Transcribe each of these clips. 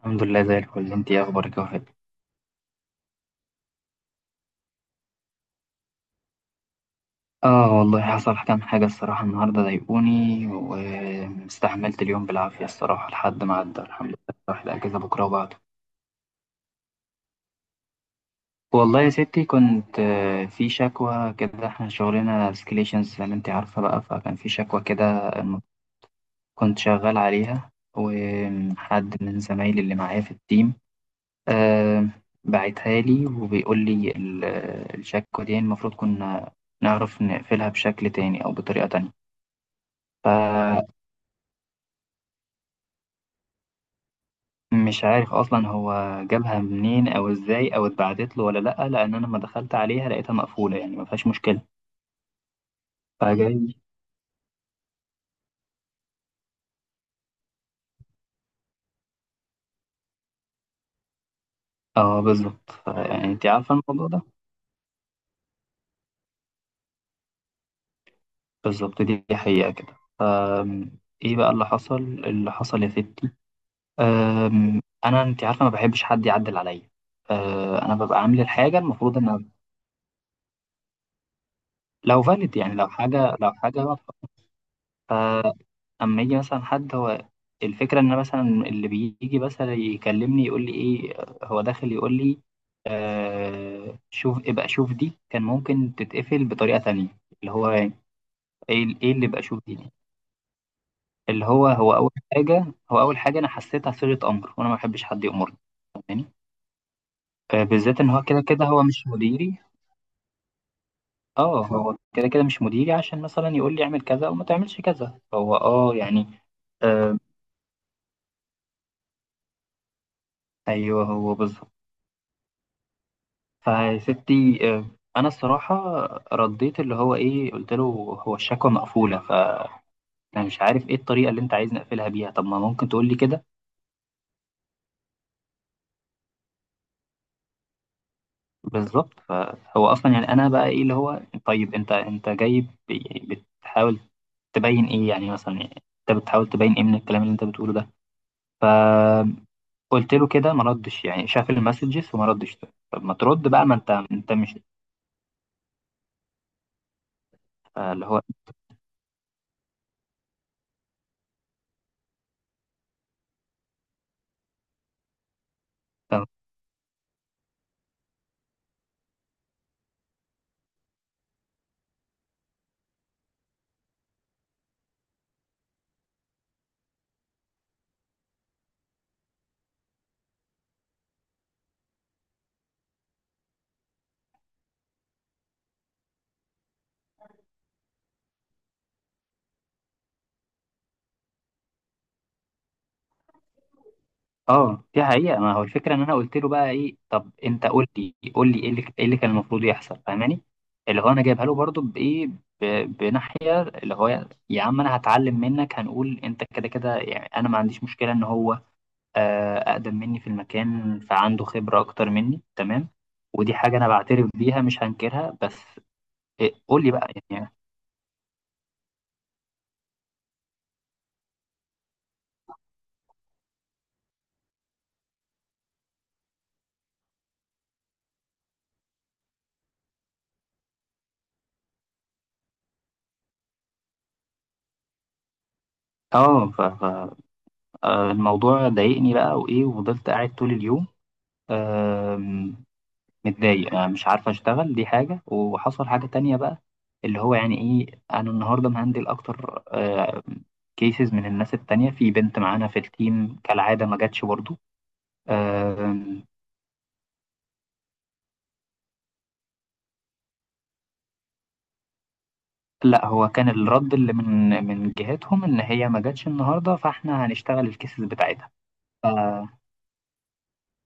الحمد لله زي الفل. انت ايه اخبارك يا وفاء؟ اه والله حصل كام حاجه الصراحه النهارده، ضايقوني واستحملت اليوم بالعافيه الصراحه لحد ما عدى الحمد لله. راح الاجازه بكره وبعده. والله يا ستي كنت في شكوى كده، احنا شغلنا سكليشنز زي ما انت عارفه بقى، فكان في شكوى كده كنت شغال عليها، وحد من زمايلي اللي معايا في التيم آه، بعتها لي وبيقول لي الشكوى دي المفروض كنا نعرف نقفلها بشكل تاني او بطريقه تانية. فمش عارف اصلا هو جابها منين او ازاي او اتبعتت له ولا لا، لان انا لما دخلت عليها لقيتها مقفوله، يعني ما فيهاش مشكله. فجاي. اه بالظبط. يعني انت عارفه الموضوع ده بالظبط، دي حقيقه كده. ف ايه بقى اللي حصل؟ اللي حصل يا ستي، انا انت عارفه ما بحبش حد يعدل عليا. انا ببقى عامل الحاجه المفروض ان لو فالid، يعني لو حاجه، لو حاجه واضحه. اما يجي مثلا حد، هو الفكره ان أنا مثلا اللي بيجي مثلا يكلمني يقول لي ايه، هو داخل يقول لي آه شوف، ابقى شوف دي كان ممكن تتقفل بطريقه تانية. اللي هو ايه؟ ايه اللي ابقى شوف دي؟ اللي هو هو اول حاجه، هو اول حاجه انا حسيتها صيغه امر، وانا ما بحبش حد يامرني. فاهماني؟ آه بالذات ان هو كده كده هو مش مديري. اه هو كده كده مش مديري عشان مثلا يقول لي اعمل كذا او ما تعملش كذا، هو اه يعني. آه ايوه هو بالظبط. فيا ستي، انا الصراحه رديت، اللي هو ايه، قلت له هو الشكوى مقفوله، فانا مش عارف ايه الطريقه اللي انت عايز نقفلها بيها. طب ما ممكن تقول لي كده؟ بالظبط. فهو اصلا يعني انا بقى ايه اللي هو، طيب انت جاي بتحاول تبين ايه؟ يعني مثلا يعني انت بتحاول تبين ايه من الكلام اللي انت بتقوله ده؟ فقلت له كده ما ردش، يعني شاف المسجز وما ردش. طب ما ترد بقى، ما انت مش. اللي هو اه. دي حقيقة. ما هو الفكرة ان انا قلت له بقى ايه، طب انت قول لي قول لي ايه اللي، ايه اللي كان المفروض يحصل؟ فاهماني؟ اللي هو انا جايبها له برضو بايه، بناحية اللي هو يا عم انا هتعلم منك، هنقول انت كده كده، يعني انا ما عنديش مشكلة ان هو اقدم مني في المكان، فعنده خبرة اكتر مني، تمام. ودي حاجة انا بعترف بيها مش هنكرها، بس إيه قول لي بقى يعني. اه الموضوع ضايقني بقى، وايه وفضلت قاعد طول اليوم متضايق، أنا مش عارف اشتغل، دي حاجة. وحصل حاجة تانية بقى، اللي هو يعني ايه، انا النهاردة مهندل اكتر كيسز من الناس التانية. في بنت معانا في التيم كالعادة ما جاتش برضو. آم، لا هو كان الرد اللي من جهتهم ان هي ما جاتش النهاردة، فاحنا هنشتغل الكيسز بتاعتها.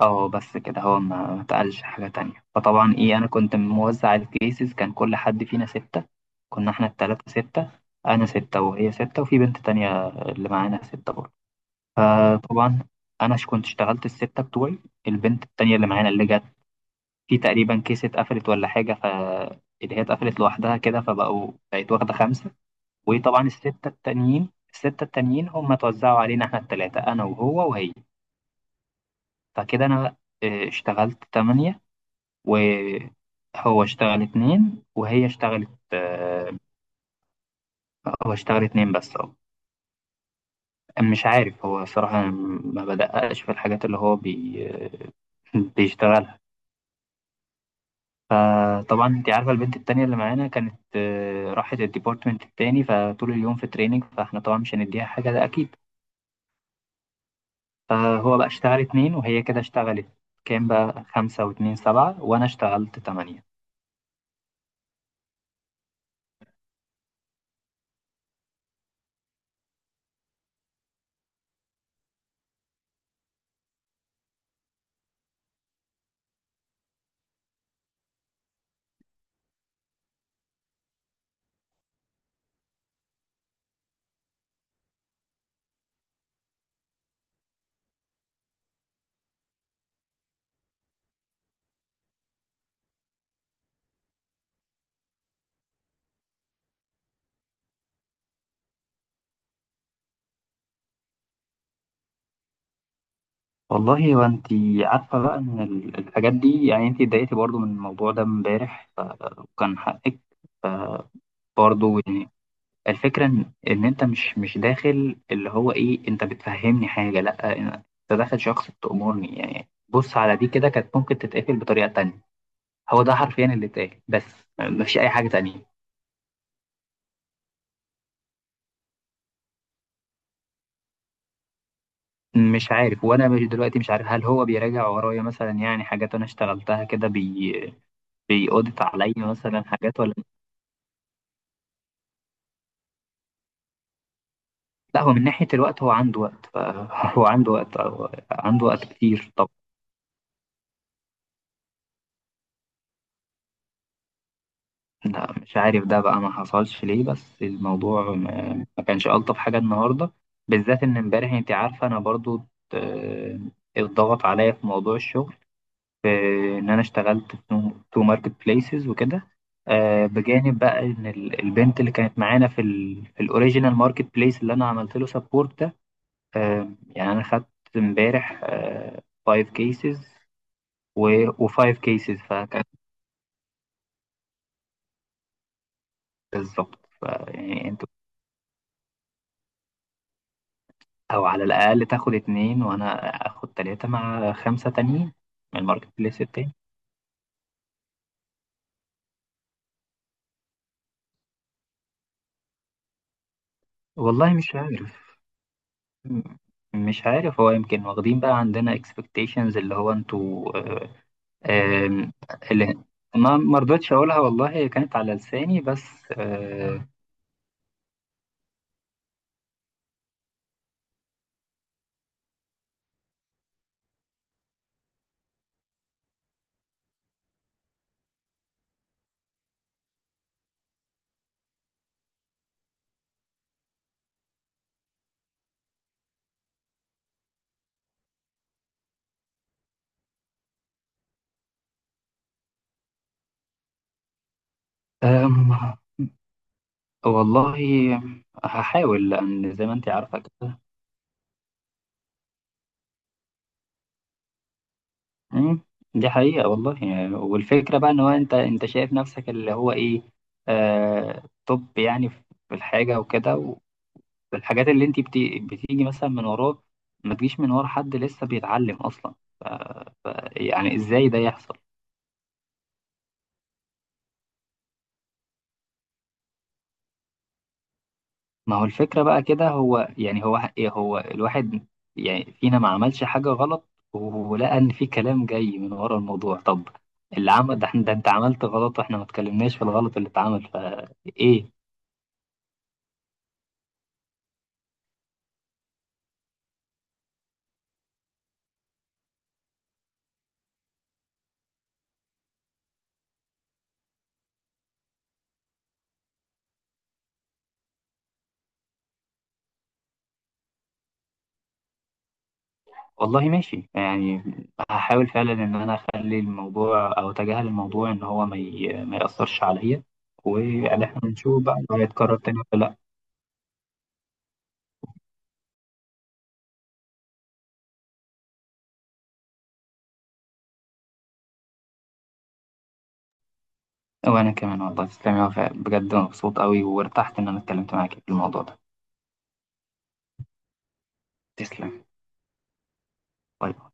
اه بس كده، هو ما اتقالش حاجة تانية. فطبعا ايه، انا كنت موزع الكيسز، كان كل حد فينا 6. كنا احنا التلاتة 6، انا 6 وهي 6 وفي بنت تانية اللي معانا 6 برضه. فطبعا انا كنت اشتغلت الستة بتوعي. البنت التانية اللي معانا اللي جت في تقريبا كيس اتقفلت ولا حاجة، ف اللي هي اتقفلت لوحدها كده، فبقوا بقت واخدة 5. وطبعا الستة التانيين، الستة التانيين هم اتوزعوا علينا احنا التلاتة، انا وهو وهي. فكده انا اه، اشتغلت 8، وهو اشتغل 2، وهي اشتغلت هو اشتغل 2 بس اه. مش عارف هو صراحة ما بدققش في الحاجات اللي هو بيشتغلها. فطبعا انت عارفة البنت التانية اللي معانا كانت راحت الديبارتمنت التاني، فطول اليوم في تريننج، فاحنا طبعا مش هنديها حاجة ده أكيد. فهو بقى اشتغل 2، وهي كده اشتغلت كام بقى، 5 و2 7، وأنا اشتغلت 8. والله وانت عارفة بقى ان الحاجات دي، يعني انت اتضايقتي برضو من الموضوع ده امبارح وكان حقك برضو. يعني الفكرة ان ان انت مش داخل اللي هو ايه، انت بتفهمني حاجة، لا انت داخل شخص بتأمرني، يعني بص على دي كده كانت ممكن تتقفل بطريقة تانية. هو ده حرفيا اللي اتقال، بس مفيش اي حاجة تانية. مش عارف، وانا مش دلوقتي مش عارف هل هو بيراجع ورايا مثلا، يعني حاجات انا اشتغلتها كده بيقودت عليا مثلا حاجات ولا. لا هو من ناحية الوقت هو عنده وقت هو عنده وقت، هو عنده وقت كتير. طب لا مش عارف، ده بقى ما حصلش ليه، بس الموضوع ما كانش ألطف حاجة النهاردة، بالذات إن امبارح أنت عارفة أنا برضو آه، اتضغط عليا في موضوع الشغل، في إن أنا اشتغلت في تو ماركت بليسز وكده. بجانب بقى إن البنت اللي كانت معانا في ال في الأوريجينال ماركت بليس اللي أنا عملت له سبورت ده، يعني أنا خدت امبارح 5 كيسز و5 كيسز. فكانت بالظبط فيعني انت، او على الاقل تاخد 2، وانا اخد 3 مع 5 تانيين من الماركت بليس التاني. والله مش عارف. م- مش عارف، هو يمكن واخدين بقى عندنا expectations اللي هو انتوا آم، اللي ما رضيتش اقولها، والله هي كانت على لساني بس. آه، آم، والله هحاول لان زي ما انت عارفة كده. مم، دي حقيقة والله. يعني والفكرة بقى ان هو، انت شايف نفسك اللي هو ايه، آه توب يعني في الحاجة وكده، والحاجات اللي انت بتيجي مثلا من وراه، ما تجيش من ورا حد لسه بيتعلم اصلا. ف ف يعني ازاي ده يحصل؟ ما هو الفكرة بقى كده، هو يعني هو إيه، هو الواحد يعني فينا ما عملش حاجة غلط، ولقى ان في كلام جاي من ورا الموضوع. طب اللي عمل ده, ده انت عملت غلط، واحنا ما اتكلمناش في الغلط اللي اتعمل فايه. والله ماشي يعني، هحاول فعلا ان انا اخلي الموضوع او اتجاهل الموضوع، ان هو ما ياثرش عليا، وان احنا نشوف بقى لو هيتكرر تاني ولا لا. وانا كمان والله تسلمي، أنا بجد مبسوط قوي وارتحت ان انا اتكلمت معاكي في الموضوع ده. تسلم. باي باي.